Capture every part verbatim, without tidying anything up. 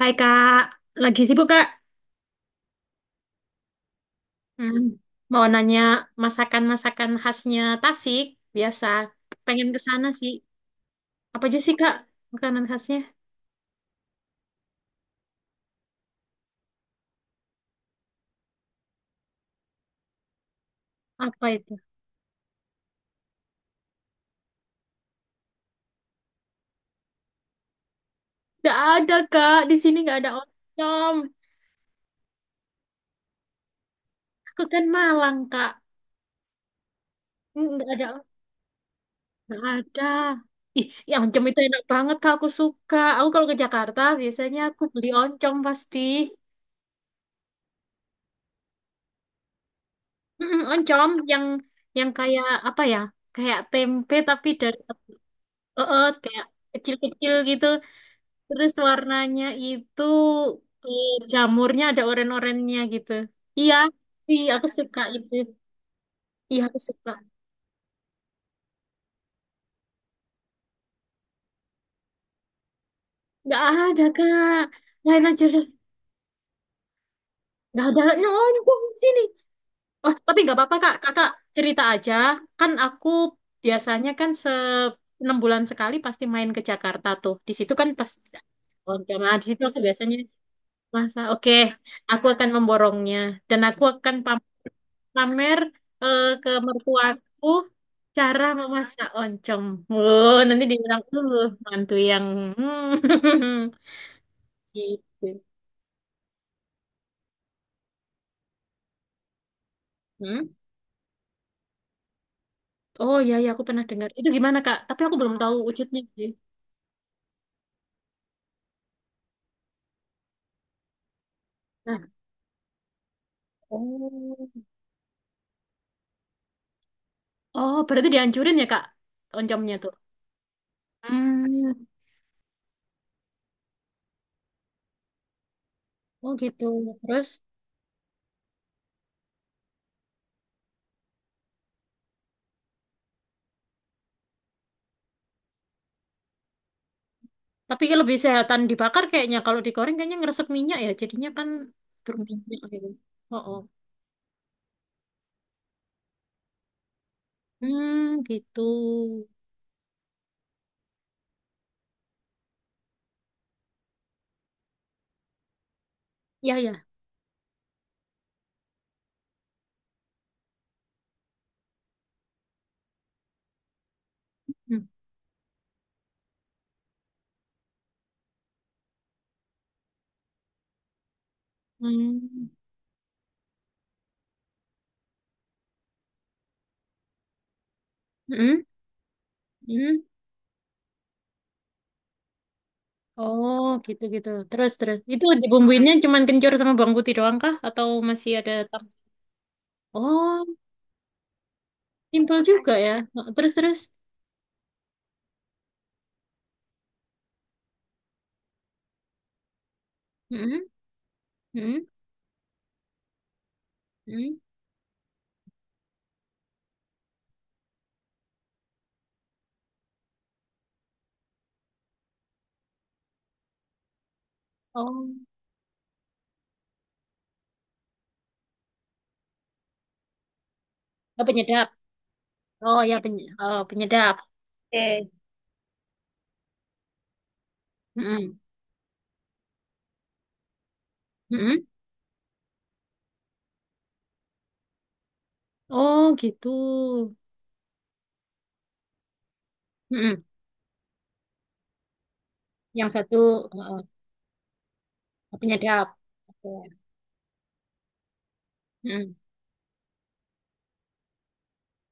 Hai Kak, lagi sibuk Kak? Hmm, mau nanya masakan-masakan khasnya Tasik, biasa. Pengen ke sana sih. Apa aja sih Kak, makanan khasnya? Apa itu? Nggak ada Kak, di sini nggak ada oncom. Aku kan Malang Kak, Hmm, nggak ada. Nggak ada. Ih, ya oncom itu enak banget Kak, aku suka. Aku kalau ke Jakarta biasanya aku beli oncom pasti. Mm-mm, oncom yang yang kayak apa ya? Kayak tempe tapi dari Oh, oh, kayak kecil-kecil gitu. Terus warnanya itu eh, jamurnya ada oren-orennya gitu. Iya, iya aku suka itu. Iya aku suka. Nggak ada kak. Lain aja deh. Nggak ada. Oh, nyumbang di sini. Oh, tapi nggak apa-apa kak. Kakak cerita aja. Kan aku biasanya kan se enam bulan sekali pasti main ke Jakarta tuh. Di situ kan pas Oh, enggak, nah, di situ aku biasanya masa. Oke, aku akan memborongnya dan aku akan pamit pamer eh, ke mertuaku cara memasak oncom. Wow, nanti dibilang dulu mantu yang hmm, gitu. Hmm? Oh iya iya aku pernah dengar. Itu gimana Kak? Tapi aku belum tahu wujudnya sih. Nah, oh. Oh, berarti dihancurin ya Kak oncomnya tuh. Hmm. Oh gitu. Terus tapi lebih sehatan dibakar kayaknya kalau digoreng kayaknya ngeresep minyak ya. Jadinya kan berminyak gitu. Oh, oh. Hmm, gitu. Ya ya. Hmm. Hmm? Hmm? Oh, gitu-gitu. Terus, terus. Itu dibumbuinnya cuman kencur sama bawang putih doang kah? Atau masih ada... tam- Oh, simpel juga ya. Terus, terus. Hmm? Hmm? Hmm? Hmm. Oh, oh penyedap. Oh, ya peny oh, penyedap. Oke. Hmm. Hmm? Hmm. Oh, gitu. Hmm. Hmm. Yang satu oh, oh, penyedap. Oke. Hmm.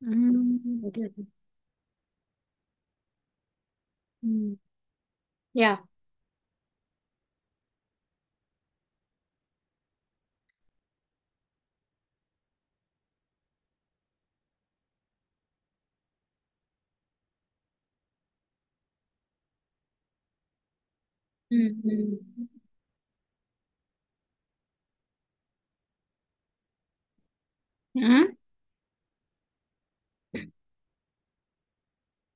Hmm. Oke, oke. Hmm. Ya. Hmm. Hmm. Hmm. Hmm.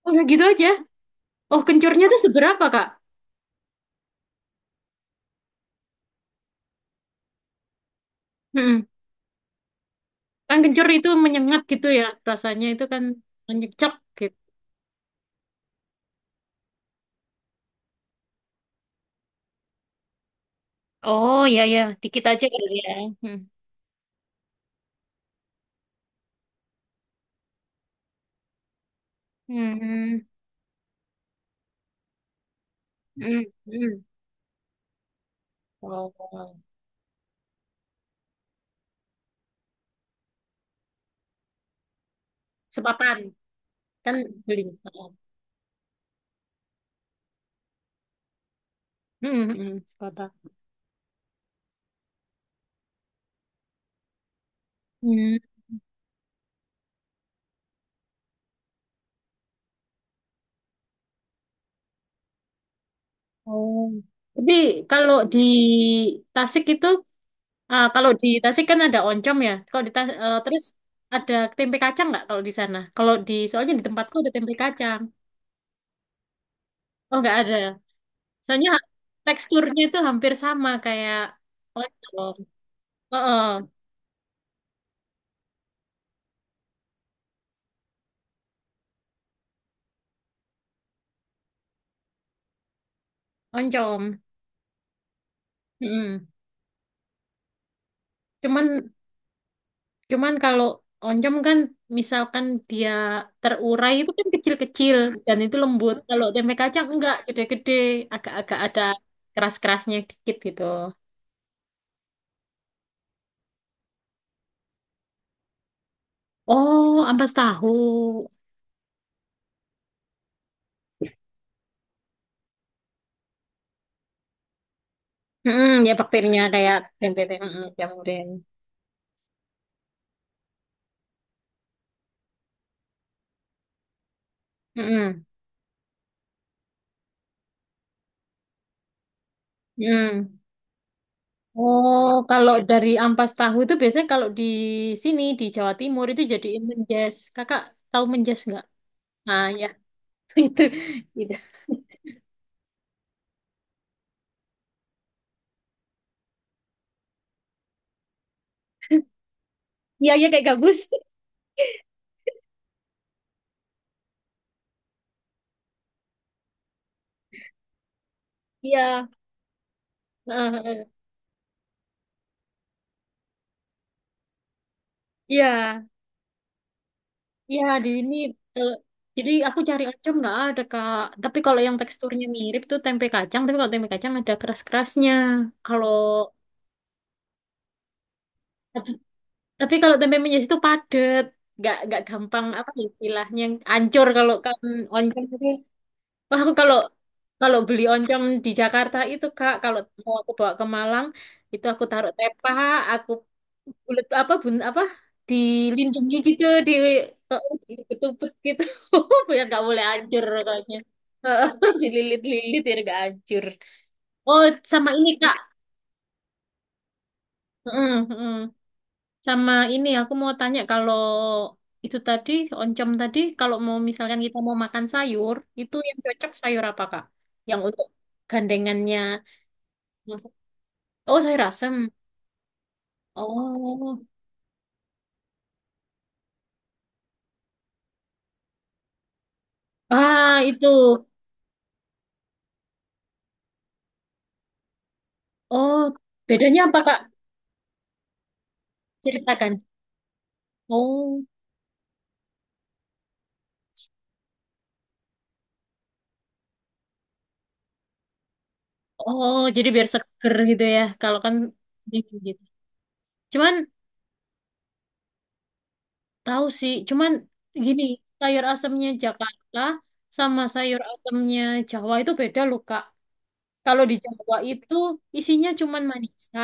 Udah gitu aja. Oh, kencurnya tuh seberapa, Kak? Mm-mm. Kan kencur itu menyengat gitu ya, rasanya itu kan menyecek gitu. Oh, iya, iya. Dikit aja kali ya. Hmm. Hmm. Hmm. Hmm. Oh, sepapan. Kan beli. Oh. Hmm. Hmm. Sepapan. Hmm. Oh. Tapi kalau di Tasik itu, ah, kalau di Tasik kan ada oncom ya. Kalau di Tas- eh, Terus ada tempe kacang nggak kalau di sana? Kalau di, soalnya di tempatku ada tempe kacang. Oh, nggak ada. Soalnya teksturnya itu hampir sama kayak oncom. Heeh, oncom. Mm. Cuman cuman kalau oncom kan misalkan dia terurai itu kan kecil-kecil dan itu lembut. Kalau tempe kacang enggak gede-gede, agak-agak ada keras-kerasnya dikit gitu. Oh, ampas tahu. Mm-mm, ya bakterinya kayak tempe-tempe. Mm-mm, tempe. Mm-mm, mm-mm. Oh, kalau dari ampas tahu itu biasanya kalau di sini di Jawa Timur itu jadi menjes. Kakak tahu menjes nggak? Nah, ya itu, gitu. Iya, iya kayak gabus. Iya, heeh, heeh. Iya, iya di sini. eh, jadi aku cari oncom nggak ada Kak. Tapi kalau yang teksturnya mirip tuh tempe kacang. Tapi kalau tempe kacang ada keras-kerasnya. Kalau tapi, tapi kalau tempe menjes itu padet, nggak nggak gampang apa ya istilahnya ancur kalau kan oncom itu. Wah, aku kalau Kalau beli oncom di Jakarta itu Kak, kalau mau aku bawa ke Malang, itu aku taruh tepa, aku bulet apa bun apa dilindungi gitu di, di ketupet gitu biar nggak boleh hancur kayaknya. Dililit-lilit biar nggak hancur. Oh, sama ini Kak. Mm, mm. Sama ini aku mau tanya kalau itu tadi oncom tadi kalau mau misalkan kita mau makan sayur, itu yang cocok sayur apa Kak? Yang untuk gandengannya. Oh, sayur asem. Oh. Ah, itu. Oh, bedanya apa, Kak? Ceritakan. Oh. Oh, jadi biar seger gitu ya. Kalau kan dingin gitu. Cuman tahu sih, cuman gini, sayur asemnya Jakarta sama sayur asemnya Jawa itu beda loh, Kak. Kalau di Jawa itu isinya cuman manisa,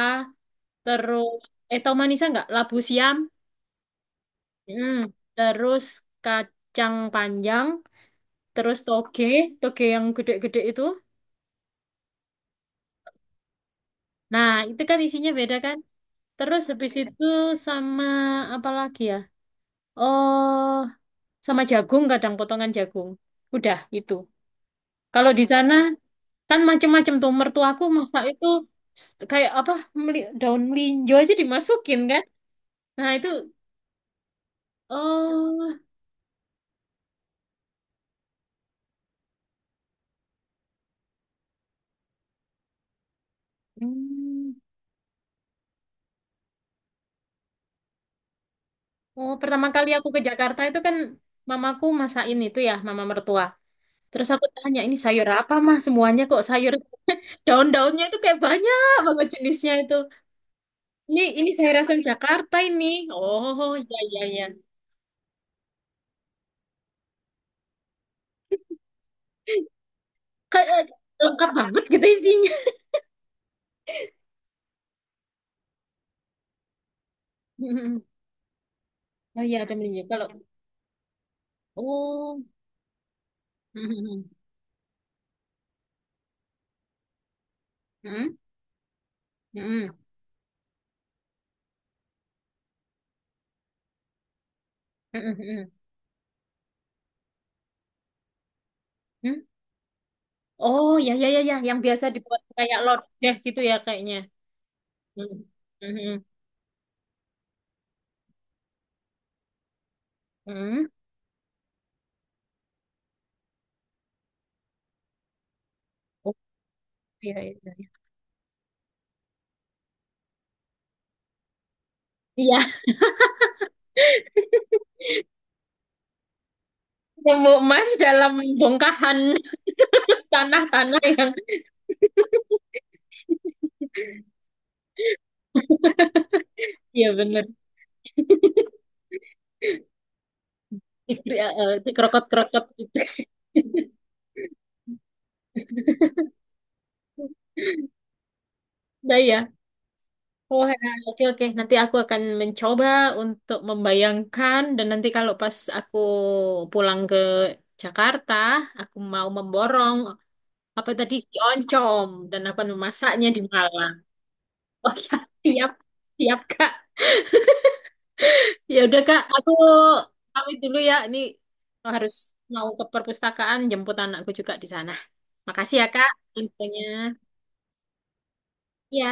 terus eh tau manisa nggak? Labu siam. Hmm. Terus kacang panjang terus toge, toge yang gede-gede itu. Nah, itu kan isinya beda kan? Terus habis itu sama apa lagi ya? Oh, sama jagung kadang potongan jagung. Udah itu. Kalau di sana kan macem-macem tuh mertuaku masak itu s- kayak apa meli- daun melinjo aja dimasukin kan? Nah, itu oh hmm. Oh, pertama kali aku ke Jakarta itu kan mamaku masakin itu ya, mama mertua. Terus aku tanya, ini sayur apa mah? Semuanya kok sayur. Daun-daunnya itu kayak banyak banget jenisnya itu. Ini ini sayur asam Jakarta ini. Oh, iya iya iya. Kayak eh, lengkap banget gitu isinya. Oh iya ada menunya. Kalau oh. Hmm, hmm, hmm, hmm, hmm. Hmm. Hmm, hmm, hmm. Oh, ya ya ya ya, yang biasa dibuat kayak lodeh gitu ya kayaknya. Hmm, hmm, hmm. Hmm. Oh, iya iya. Iya, iya, nemu emas dalam bongkahan tanah-tanah yang iya bener. Ya, eh, itu Krokot-krokot gitu. Nah ya. Oh, ya, oke oke. Nanti aku akan mencoba untuk membayangkan dan nanti kalau pas aku pulang ke Jakarta, aku mau memborong apa tadi oncom dan aku akan memasaknya di Malang. Oh ya, siap, siap Kak. Ya udah Kak, aku pamit dulu ya. Ini harus mau ke perpustakaan jemput anakku juga di sana. Makasih ya Kak infonya. Ya.